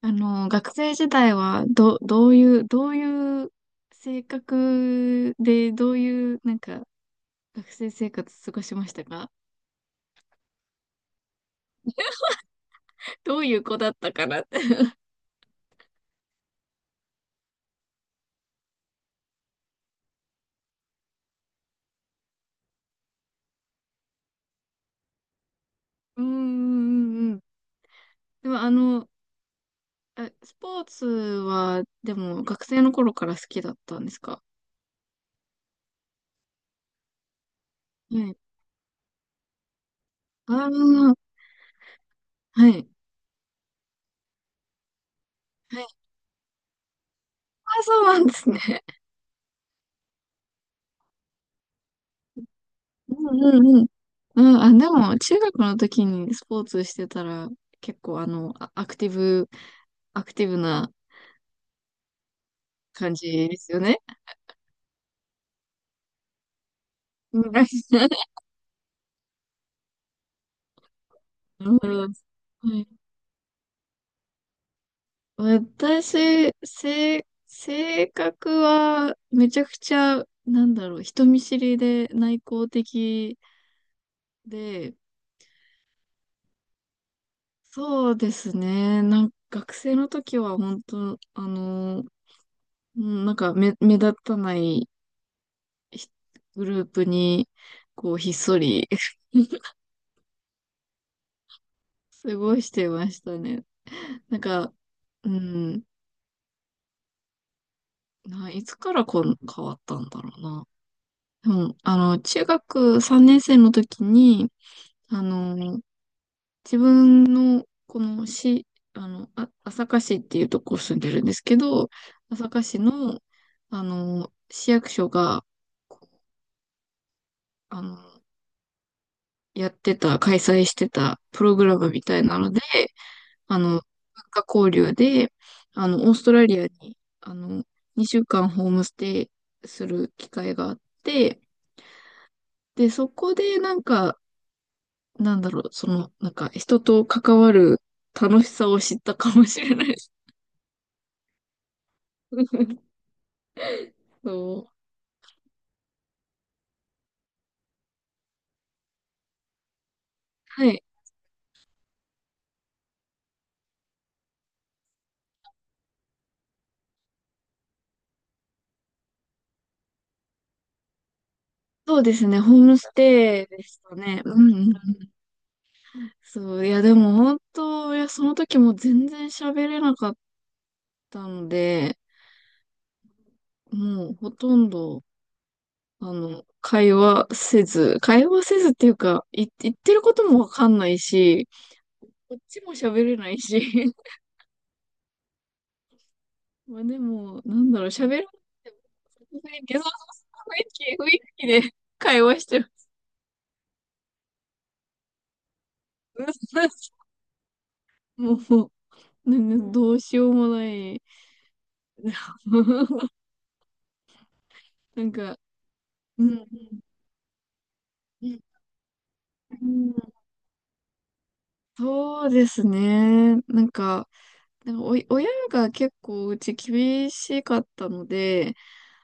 学生時代は、どういう、どういう性格で、どういう、なんか、学生生活過ごしましたか？どういう子だったかなって うんうんうんうん。でも、スポーツは、でも、学生の頃から好きだったんですか？はい。ああ、はい。はい。あ、そうなんですね。うんうんうん。うん、あ、でも、中学の時にスポーツしてたら、結構、アクティブ、アクティブな感じですよね。うんうんはい。私、性格はめちゃくちゃ、なんだろう、人見知りで内向的で、そうですね。なんか学生の時は本当、うんなんか目立たないひグループに、こう、ひっそり 過ごしてましたね。なんか、うん、ないつからこん変わったんだろうな。うん、中学3年生の時に、あの、自分の、この市、朝霞市っていうとこ住んでるんですけど、朝霞市の、市役所が、こうあの、やってた、開催してたプログラムみたいなので、文化交流で、オーストラリアに、2週間ホームステイする機会があって、で、そこでなんか、なんだろう、その、なんか人と関わる楽しさを知ったかもしれないです。そう。はい。そうですね、ホームステイでしたね。うんうん。そう、いやでも本当、いや、その時も全然喋れなかったので、もうほとんど、会話せず、会話せずっていうか、言ってることもわかんないし、こっちも喋れないし、まあでも、なんだろう、喋らなくても、雰囲気、そうそうそう、雰囲気、雰囲気で会話してる。もう、なんかどうしようもない。なんか、うん、うん、うんそうですね。なんか、なんかおい、親が結構うち厳しかったので、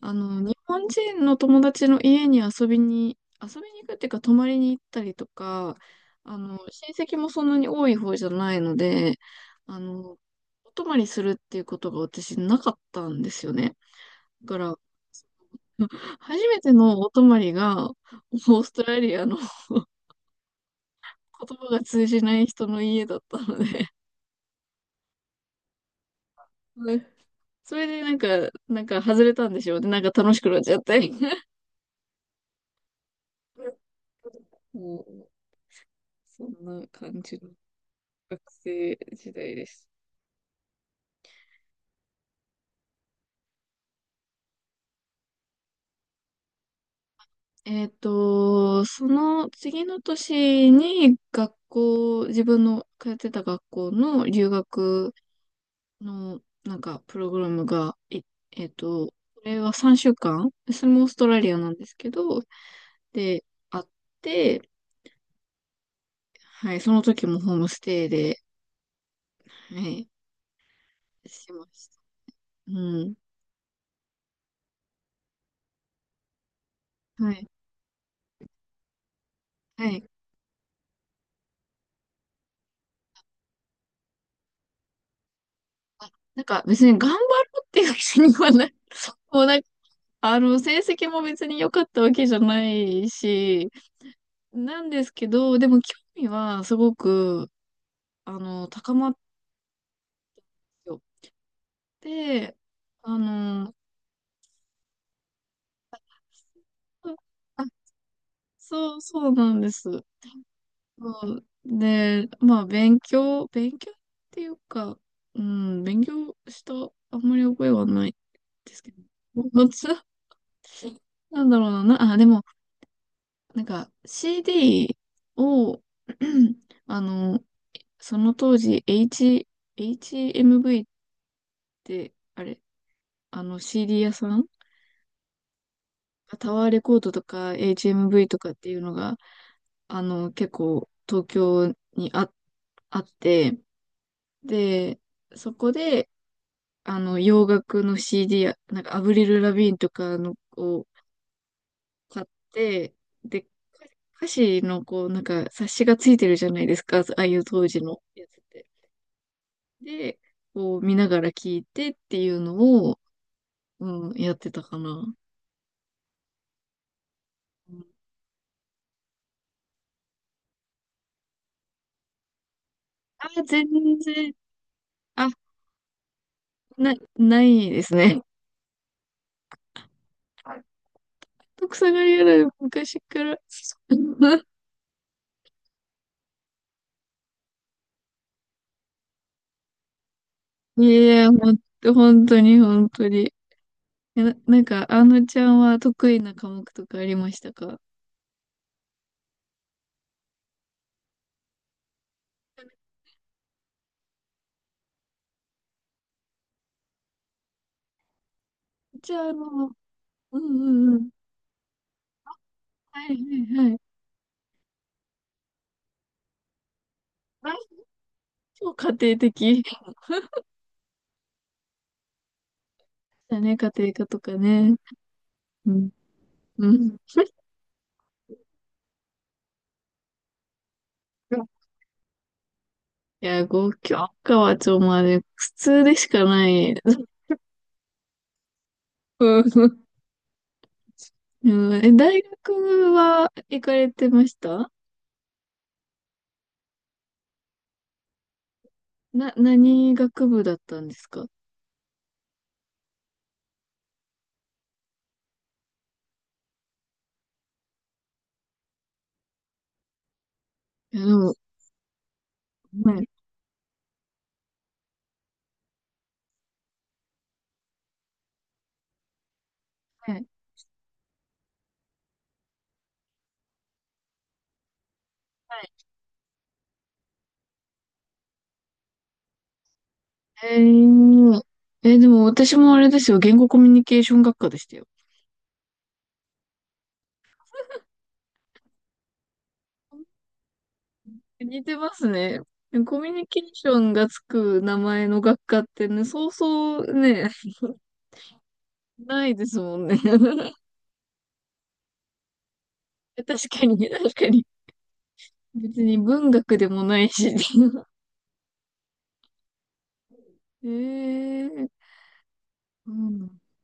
日本人の友達の家に遊びに行くっていうか、泊まりに行ったりとか、親戚もそんなに多い方じゃないので、あの、お泊まりするっていうことが私なかったんですよね。だから、初めてのお泊まりが、オーストラリアの 言葉が通じない人の家だったので、ねそれでなんか、なんか外れたんでしょうね。なんか楽しくなっちゃって。もう、そんな感じ。学生時代です。えっと、その次の年に学校、自分の通ってた学校の留学のなんかプログラムが、えっと、これは3週間、それもオーストラリアなんですけど、で、あって、はい、その時もホームステイで、はい、しました。うん。はい、はい。あ、なんか別に頑張ろうっていう気にはない。もうなんか成績も別に良かったわけじゃないし、なんですけど、でも興味はすごく、高まってよってあの、あ、そう、そうなんです。そうで、まあ、勉強、勉強っていうか、うん、勉強した、あんまり覚えはないですけど、もつ、なんだろうな、な、あ、でも、なんか、CD を、あの、その当時、HMV って、あれ、あの CD 屋さんタワーレコードとか HMV とかっていうのが、結構東京にあ、あって、で、そこで、洋楽の CD や、なんかアブリル・ラビーンとかのを買って、で、歌詞のこう、なんか冊子がついてるじゃないですか、ああいう当時のやつって。で、こう見ながら聞いてっていうのを、うん、やってたかな。うんあ、全然、あ、ないですね。とくさがりやる昔から。いやいや、ほんと、本当に、本当に。なんか、あのちゃんは得意な科目とかありましたか？じゃあ、あの、うんうんうん。はいはいはい。あ、超家庭的。だね、家庭科とかね。うん。うん。いや、ご教科はちょ、まあね、普通でしかない。うんうん、え、大学は行かれてました何学部だったんですか？いや、でも、はい、はい、はい。えーえ、でも私もあれですよ、言語コミュニケーション学科でしたよ。似てますね。コミュニケーションがつく名前の学科ってね、そうそうね、ないですもんね。確かに、確かに。別に文学でもないし。ええーうん。は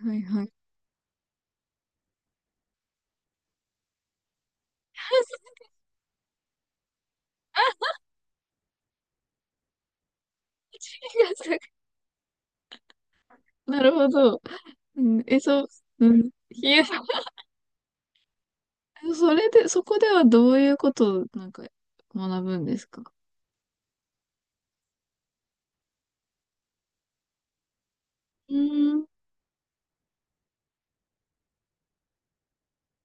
いはいはい。なるほど。うん、え、そう、うん。いや、それで、そこではどういうことをなんか学ぶんですか？うーん、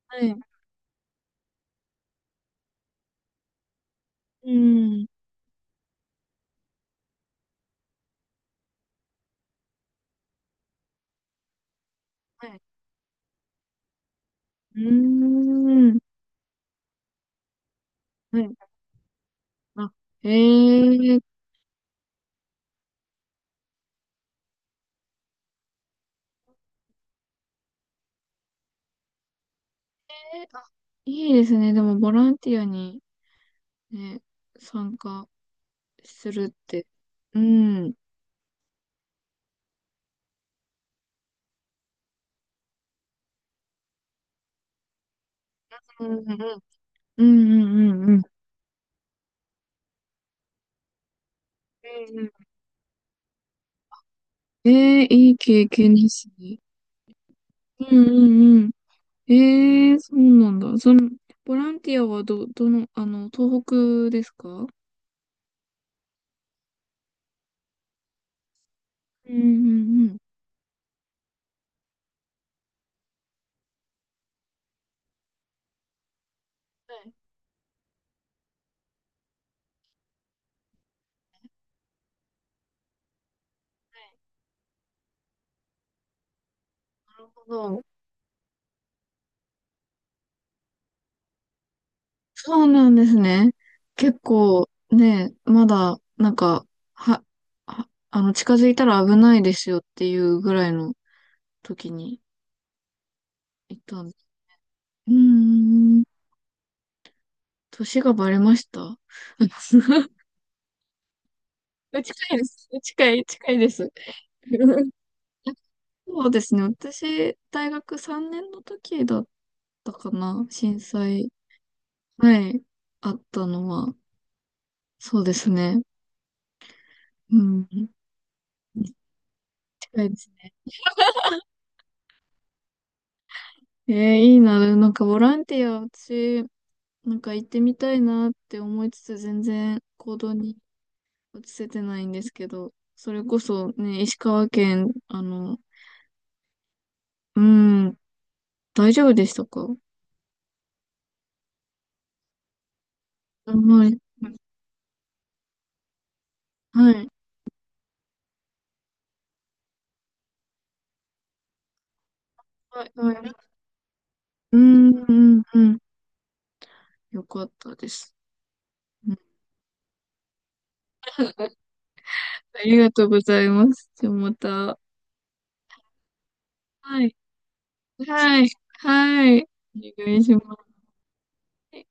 はい、うん、はい、うーん、はい。あ、へえー、えいいですね。でも、ボランティアにね、参加するって。うん、うん、うん、うん、うん、うん。うんうんえー、いい経験ですね。うん、うん、うん。ええそうなんだ。その、ボランティアはどの、あの、東北ですか？うんうんうん。はい、はいなるほど。そうなんですね。結構ね、まだ、なんか、は、あの、近づいたら危ないですよっていうぐらいの時に行ったんです。うーん、年がバレました。近いです。近いです。そうですね。私、大学3年の時だったかな震災。はい。あったのは。そうですね。うん。近いですね。えー、いいな。なんかボランティア、私、なんか行ってみたいなって思いつつ、全然行動に移せてないんですけど、それこそね、石川県、あの、うん、大丈夫でしたか？あはい。はい。はい。はい。うん、うん、うん。よかったです。うんありがとうございます。じゃあまた。はい。はい。はい。お願いします。